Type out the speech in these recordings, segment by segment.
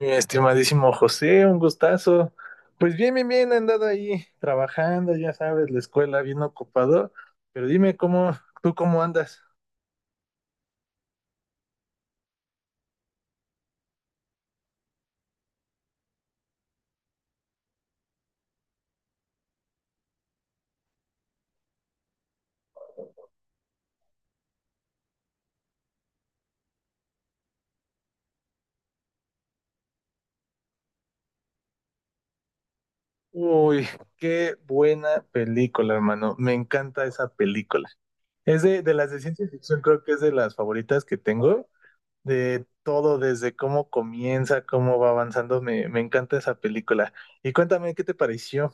Mi estimadísimo José, un gustazo. Pues bien, bien, bien, he andado ahí trabajando, ya sabes, la escuela bien ocupado, pero dime cómo, tú cómo andas. Uy, qué buena película, hermano. Me encanta esa película. Es de las de ciencia ficción, creo que es de las favoritas que tengo, de todo, desde cómo comienza, cómo va avanzando, me encanta esa película. Y cuéntame, ¿qué te pareció?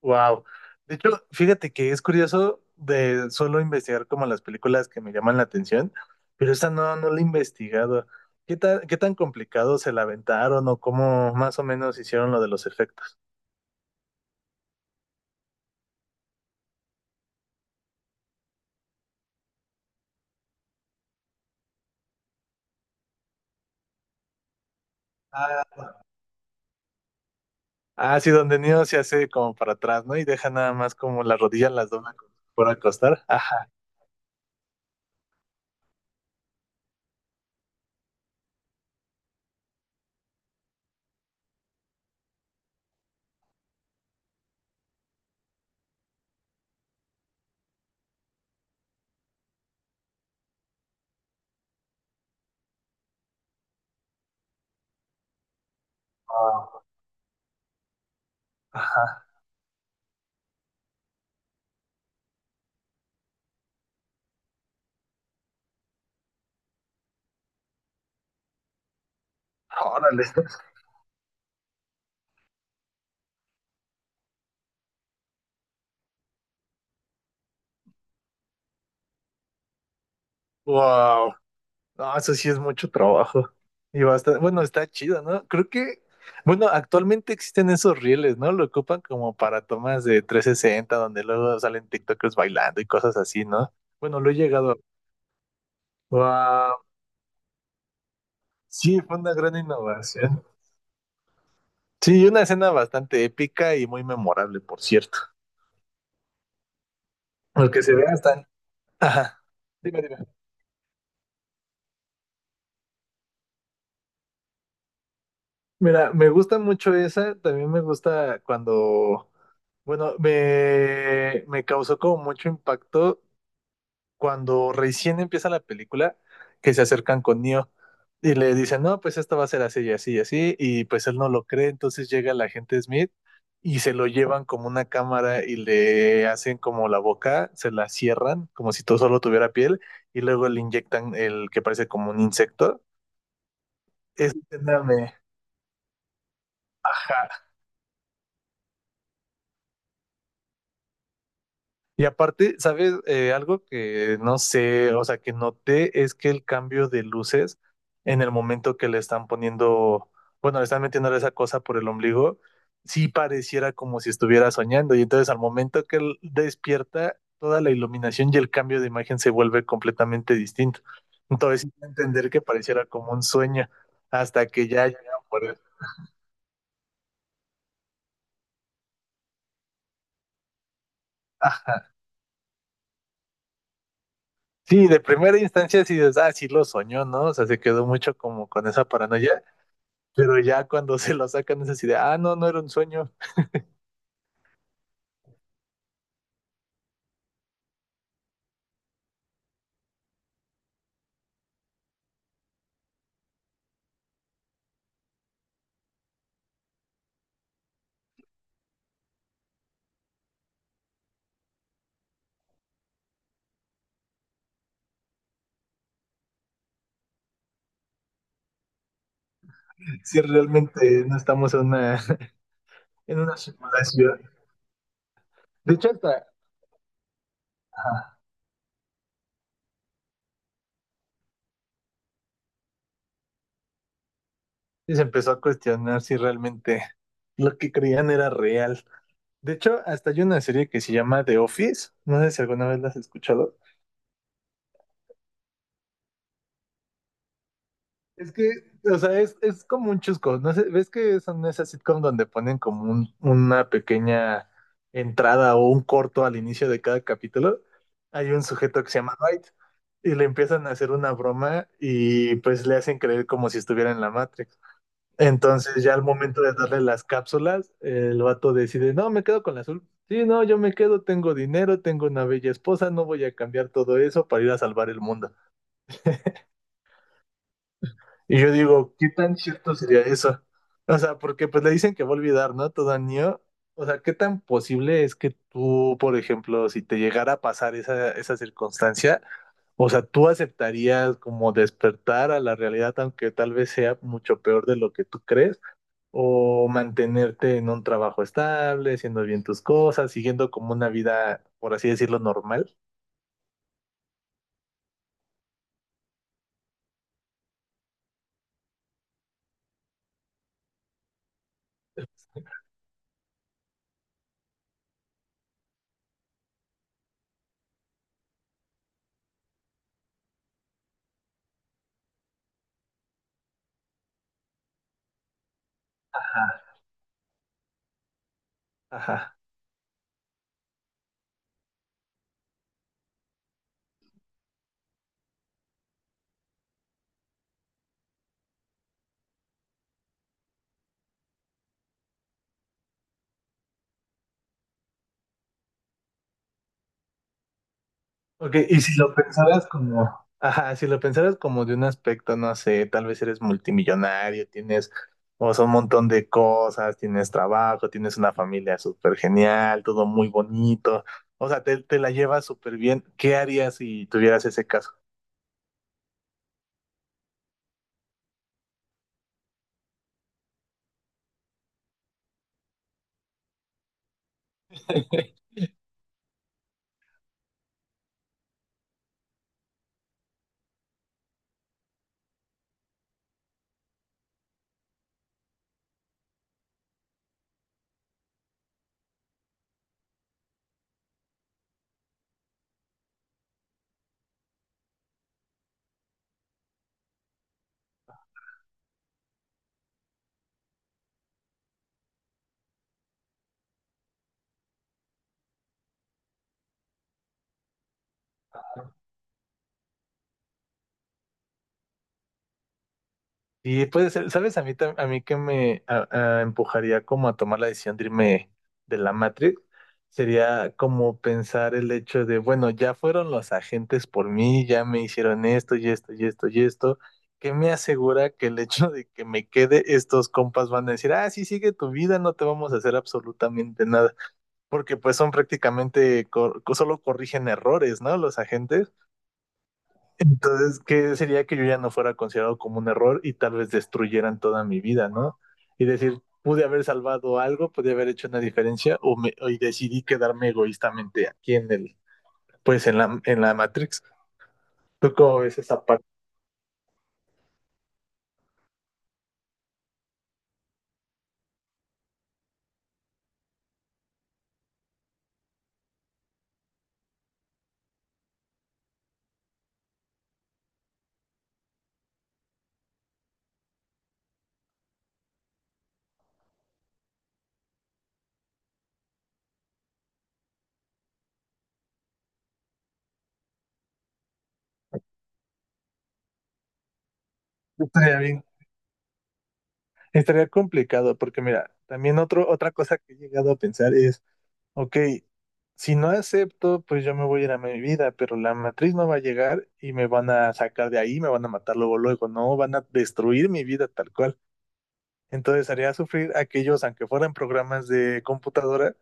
Wow. De hecho, fíjate que es curioso de solo investigar como las películas que me llaman la atención, pero esta no, no la he investigado. ¿Qué tan complicado se la aventaron o cómo más o menos hicieron lo de los efectos? Ah, ah, sí, donde Neo se hace como para atrás, ¿no? Y deja nada más como las rodillas las dobla como si acostar. Ajá. Wow. Ajá. Órale. Wow. No, eso sí es mucho trabajo. Y bastante, bueno, está chido, ¿no? Creo que, bueno, actualmente existen esos rieles, ¿no? Lo ocupan como para tomas de 360 donde luego salen TikTokers bailando y cosas así, ¿no? Bueno, lo he llegado a... Wow. Sí, fue una gran innovación. Sí, una escena bastante épica y muy memorable, por cierto. Porque se ve hasta... Ajá. Dime, dime. Mira, me gusta mucho esa, también me gusta cuando... Bueno, me causó como mucho impacto cuando recién empieza la película, que se acercan con Neo y le dicen, no, pues esto va a ser así y así y así, y pues él no lo cree, entonces llega el agente Smith y se lo llevan como una cámara y le hacen como la boca, se la cierran como si todo solo tuviera piel y luego le inyectan el que parece como un insecto. Esa escena me, ja. Y aparte, ¿sabes? Algo que no sé, o sea, que noté es que el cambio de luces en el momento que le están poniendo, bueno, le están metiendo esa cosa por el ombligo, sí pareciera como si estuviera soñando. Y entonces al momento que él despierta, toda la iluminación y el cambio de imagen se vuelve completamente distinto. Entonces, sí puedo entender que pareciera como un sueño hasta que ya llegaron por él. Ah, sí, de primera instancia sí dices, ah, sí lo soñó, ¿no? O sea, se quedó mucho como con esa paranoia. Pero ya cuando se lo sacan es así de, ah, no, no era un sueño. Si realmente no estamos en una, en una simulación. De hecho, hasta ah, sí se empezó a cuestionar si realmente lo que creían era real. De hecho, hasta hay una serie que se llama The Office. No sé si alguna vez la has escuchado. Es que, o sea, es como un chusco, ¿no? sé, ¿Ves que son esas sitcom donde ponen como una pequeña entrada o un corto al inicio de cada capítulo? Hay un sujeto que se llama Dwight y le empiezan a hacer una broma y pues le hacen creer como si estuviera en la Matrix. Entonces ya al momento de darle las cápsulas, el vato decide, no, me quedo con la azul. Sí, no, yo me quedo, tengo dinero, tengo una bella esposa, no voy a cambiar todo eso para ir a salvar el mundo. Y yo digo, ¿qué tan cierto sería eso? O sea, porque pues le dicen que va a olvidar, ¿no? Todo niño. O sea, ¿qué tan posible es que tú, por ejemplo, si te llegara a pasar esa circunstancia, o sea, tú aceptarías como despertar a la realidad, aunque tal vez sea mucho peor de lo que tú crees, o mantenerte en un trabajo estable, haciendo bien tus cosas, siguiendo como una vida, por así decirlo, normal? Ajá. Ajá. Ok, y si lo pensaras como, ajá, si lo pensaras como de un aspecto, no sé, tal vez eres multimillonario, tienes, o sea, un montón de cosas, tienes trabajo, tienes una familia súper genial, todo muy bonito, o sea, te la llevas súper bien. ¿Qué harías si tuvieras ese caso? Y puede ser, ¿sabes? A mí que me a empujaría como a tomar la decisión de irme de la Matrix sería como pensar el hecho de, bueno, ya fueron los agentes por mí, ya me hicieron esto y esto y esto y esto. ¿Qué me asegura que el hecho de que me quede, estos compas van a decir, ah, sí, sigue tu vida, no te vamos a hacer absolutamente nada? Porque pues son prácticamente, solo corrigen errores, ¿no? Los agentes. Entonces, qué sería que yo ya no fuera considerado como un error y tal vez destruyeran toda mi vida, ¿no? Y decir, pude haber salvado algo, pude haber hecho una diferencia o me, y decidí quedarme egoístamente aquí en el, pues en la Matrix. ¿Tú cómo ves esa parte? Estaría bien, estaría complicado porque mira, también otro, otra cosa que he llegado a pensar es, ok, si no acepto, pues yo me voy a ir a mi vida, pero la matriz no va a llegar y me van a sacar de ahí, me van a matar luego, luego, no, van a destruir mi vida tal cual. Entonces haría sufrir a aquellos, aunque fueran programas de computadora,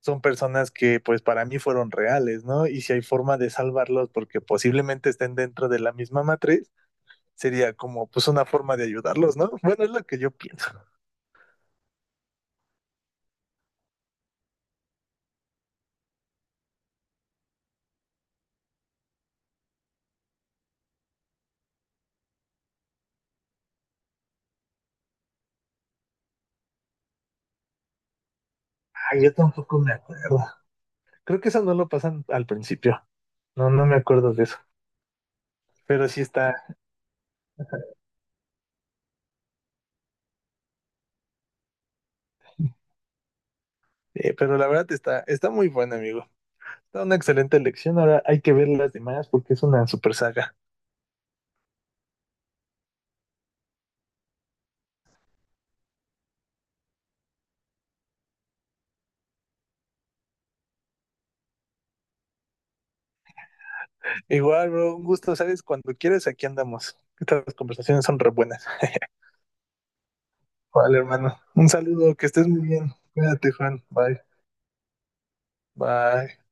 son personas que pues para mí fueron reales, ¿no? Y si hay forma de salvarlos porque posiblemente estén dentro de la misma matriz, sería como pues una forma de ayudarlos, ¿no? Bueno, es lo que yo pienso. Ah, yo tampoco me acuerdo. Creo que eso no lo pasan al principio. No, no me acuerdo de eso. Pero sí está, pero la verdad está, está muy buena, amigo. Está una excelente elección. Ahora hay que ver las demás porque es una super saga. Igual, bro, un gusto, ¿sabes? Cuando quieres, aquí andamos. Estas conversaciones son re buenas. Vale, hermano. Un saludo, que estés muy bien. Cuídate, Juan. Bye. Bye.